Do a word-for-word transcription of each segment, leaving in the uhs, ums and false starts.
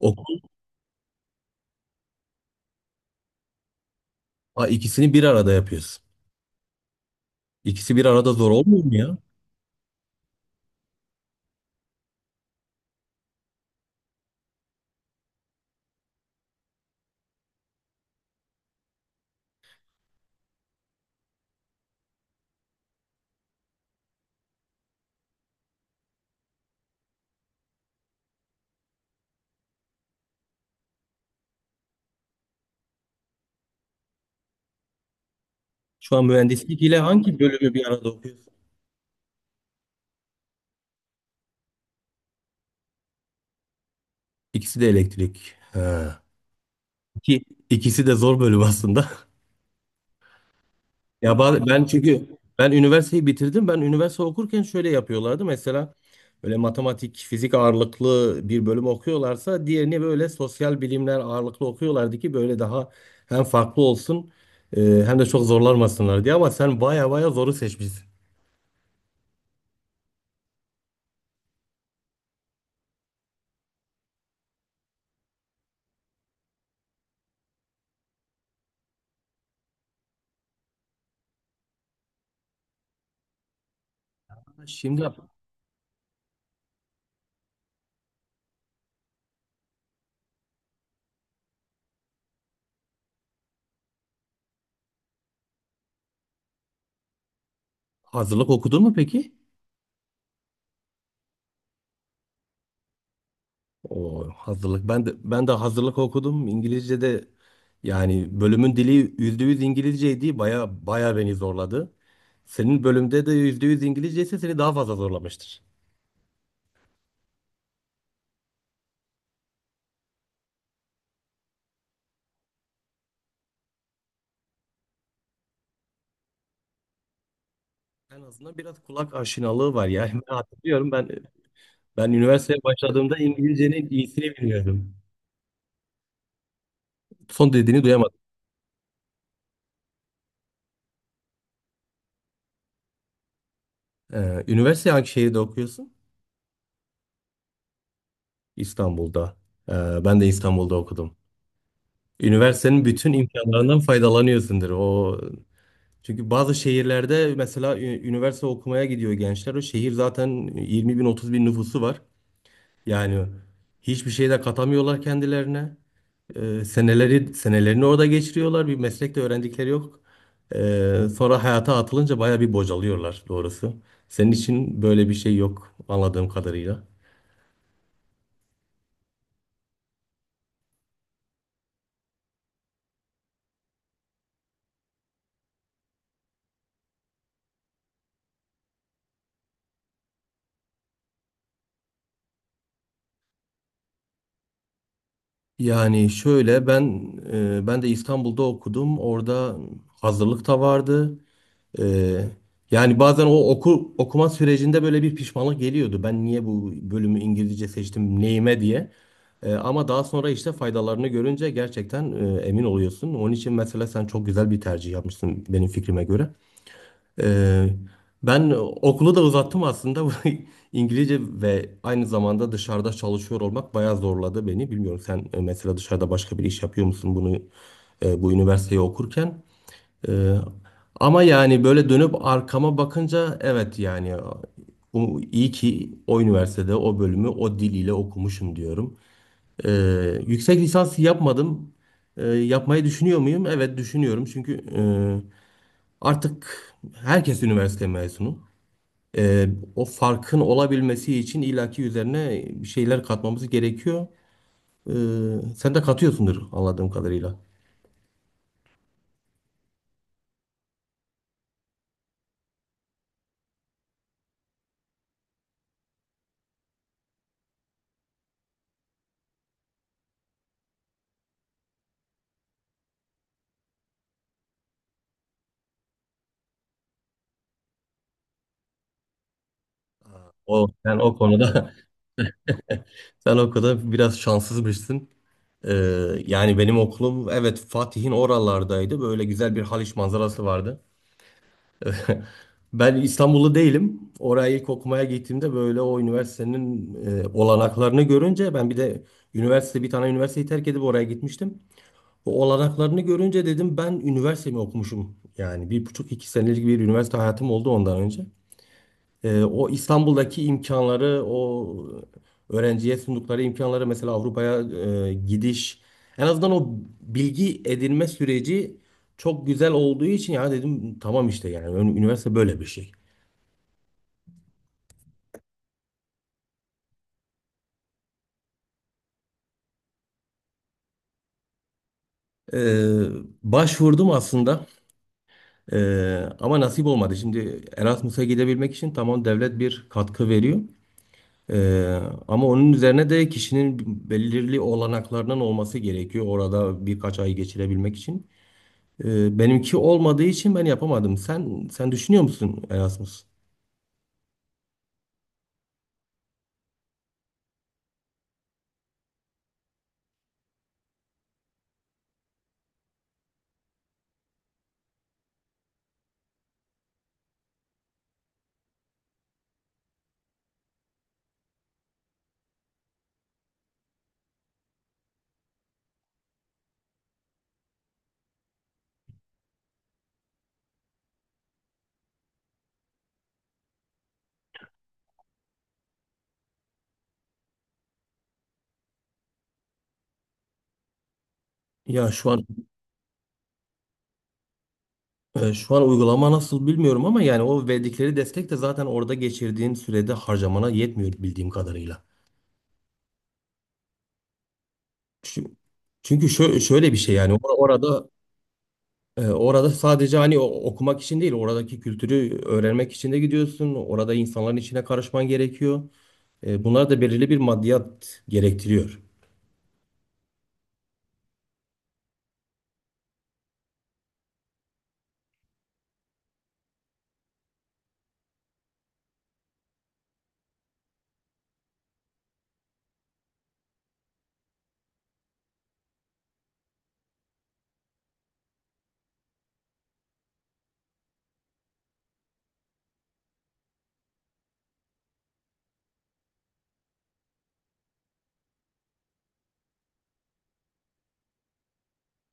Okul, ha, ikisini bir arada yapıyorsun. İkisi bir arada zor olmuyor mu ya? Şu an mühendislik ile hangi bölümü bir arada okuyorsun? İkisi de elektrik. Ha. İki, ikisi de zor bölüm aslında. Ya ba- ben çünkü ben üniversiteyi bitirdim. Ben üniversite okurken şöyle yapıyorlardı. Mesela böyle matematik, fizik ağırlıklı bir bölüm okuyorlarsa diğerini böyle sosyal bilimler ağırlıklı okuyorlardı ki böyle daha hem farklı olsun e, hem de çok zorlanmasınlar diye. Ama sen baya baya zoru seçmişsin. Şimdi hazırlık okudun mu peki? O hazırlık. Ben de ben de hazırlık okudum. İngilizce'de yani bölümün dili yüzde yüz İngilizceydi. Baya baya beni zorladı. Senin bölümde de yüzde yüz İngilizce ise seni daha fazla zorlamıştır. En azından biraz kulak aşinalığı var ya. Ben hatırlıyorum ben ben üniversiteye başladığımda İngilizcenin iyisini bilmiyordum. Son dediğini duyamadım. Ee, üniversite hangi şehirde okuyorsun? İstanbul'da. Ee, ben de İstanbul'da okudum. Üniversitenin bütün imkanlarından faydalanıyorsundur. O çünkü bazı şehirlerde mesela ü- üniversite okumaya gidiyor gençler. O şehir zaten yirmi bin otuz bin nüfusu var. Yani hiçbir şey de katamıyorlar kendilerine. Ee, seneleri senelerini orada geçiriyorlar. Bir meslek de öğrendikleri yok. Ee, sonra hayata atılınca baya bir bocalıyorlar doğrusu. Senin için böyle bir şey yok anladığım kadarıyla. Yani şöyle ben e, ben de İstanbul'da okudum. Orada hazırlık da vardı. Ee, Yani bazen o oku, okuma sürecinde böyle bir pişmanlık geliyordu. Ben niye bu bölümü İngilizce seçtim, neyime diye. Ee, ama daha sonra işte faydalarını görünce gerçekten e, emin oluyorsun. Onun için mesela sen çok güzel bir tercih yapmışsın benim fikrime göre. Ee, Ben okulu da uzattım aslında. Bu İngilizce ve aynı zamanda dışarıda çalışıyor olmak bayağı zorladı beni. Bilmiyorum sen e, mesela dışarıda başka bir iş yapıyor musun bunu e, bu üniversiteyi okurken? Ee, Ama yani böyle dönüp arkama bakınca evet yani o- iyi ki o üniversitede o bölümü o diliyle okumuşum diyorum. Ee, yüksek lisans yapmadım. Ee, yapmayı düşünüyor muyum? Evet düşünüyorum çünkü e, artık herkes üniversite mezunu. Ee, O farkın olabilmesi için illaki üzerine bir şeyler katmamız gerekiyor. Ee, Sen de katıyorsundur anladığım kadarıyla. O, sen o konuda sen o konuda biraz şanssızmışsın. Ee, Yani benim okulum evet Fatih'in oralardaydı. Böyle güzel bir Haliç manzarası vardı. Ben İstanbullu değilim. Oraya ilk okumaya gittiğimde böyle o üniversitenin e, olanaklarını görünce ben bir de üniversite bir tane üniversiteyi terk edip oraya gitmiştim. O olanaklarını görünce dedim ben üniversitemi okumuşum. Yani bir buçuk iki senelik bir üniversite hayatım oldu ondan önce. Ee, o İstanbul'daki imkanları, o öğrenciye sundukları imkanları mesela Avrupa'ya e, gidiş, en azından o bilgi edinme süreci çok güzel olduğu için ya dedim tamam işte yani ün- üniversite böyle bir şey. Ee, Başvurdum aslında. Ee, ama nasip olmadı. Şimdi Erasmus'a gidebilmek için tamam devlet bir katkı veriyor. Ee, Ama onun üzerine de kişinin belirli olanaklarının olması gerekiyor orada birkaç ay geçirebilmek için. Ee, benimki olmadığı için ben yapamadım. Sen sen düşünüyor musun Erasmus? Ya şu an e, şu an uygulama nasıl bilmiyorum ama yani o verdikleri destek de zaten orada geçirdiğin sürede harcamana yetmiyor bildiğim kadarıyla. Çünkü, çünkü şö- şöyle bir şey yani or- orada e, orada sadece hani o- okumak için değil oradaki kültürü öğrenmek için de gidiyorsun. Orada insanların içine karışman gerekiyor. E, bunlar da belirli bir maddiyat gerektiriyor.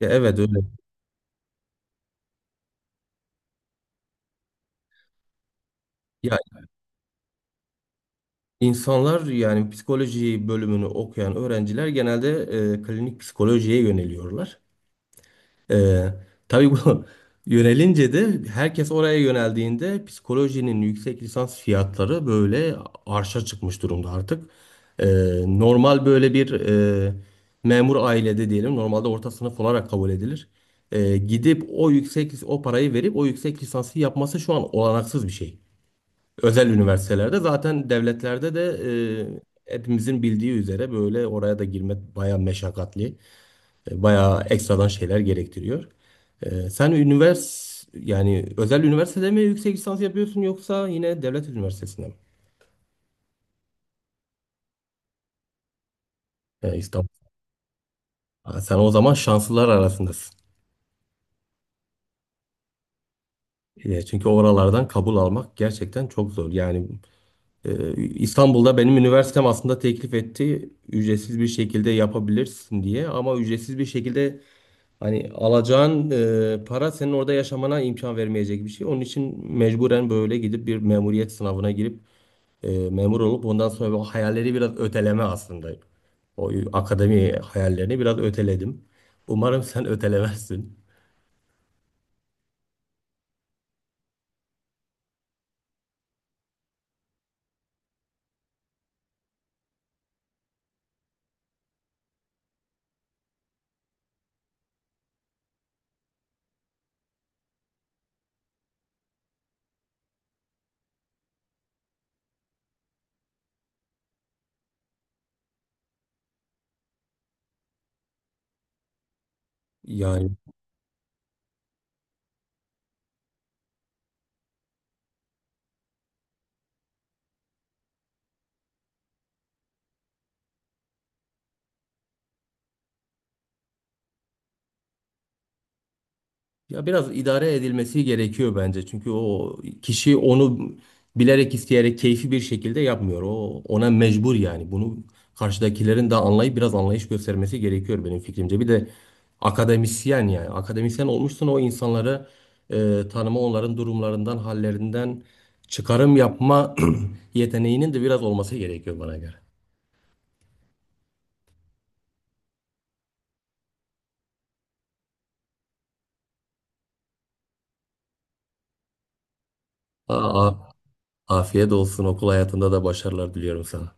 Ya evet öyle. Ya insanlar yani psikoloji bölümünü okuyan öğrenciler genelde e, klinik psikolojiye yöneliyorlar. E, tabii bu yönelince de herkes oraya yöneldiğinde psikolojinin yüksek lisans fiyatları böyle arşa çıkmış durumda artık. E, normal böyle bir e, memur ailede diyelim normalde orta sınıf olarak kabul edilir. E, gidip o yüksek o parayı verip o yüksek lisansı yapması şu an olanaksız bir şey. Özel üniversitelerde zaten devletlerde de e, hepimizin bildiği üzere böyle oraya da girmek bayağı meşakkatli, e, bayağı ekstradan şeyler gerektiriyor. E, sen üniversite yani özel üniversitede mi yüksek lisans yapıyorsun yoksa yine devlet üniversitesinde mi? E, İstanbul. Ha, sen o zaman şanslılar arasındasın. E, çünkü oralardan kabul almak gerçekten çok zor. Yani e, İstanbul'da benim üniversitem aslında teklif etti ücretsiz bir şekilde yapabilirsin diye ama ücretsiz bir şekilde hani alacağın e, para senin orada yaşamana imkan vermeyecek bir şey. Onun için mecburen böyle gidip bir memuriyet sınavına girip e, memur olup ondan sonra o hayalleri biraz öteleme aslında. O akademi hayallerini biraz öteledim. Umarım sen ötelemezsin. Yani ya biraz idare edilmesi gerekiyor bence. Çünkü o kişi onu bilerek isteyerek keyfi bir şekilde yapmıyor. O ona mecbur yani. Bunu karşıdakilerin de anlayıp biraz anlayış göstermesi gerekiyor benim fikrimce. Bir de akademisyen yani. Akademisyen olmuşsun o insanları e, tanıma, onların durumlarından, hallerinden çıkarım yapma yeteneğinin de biraz olması gerekiyor bana göre. Aa, afiyet olsun. Okul hayatında da başarılar diliyorum sana.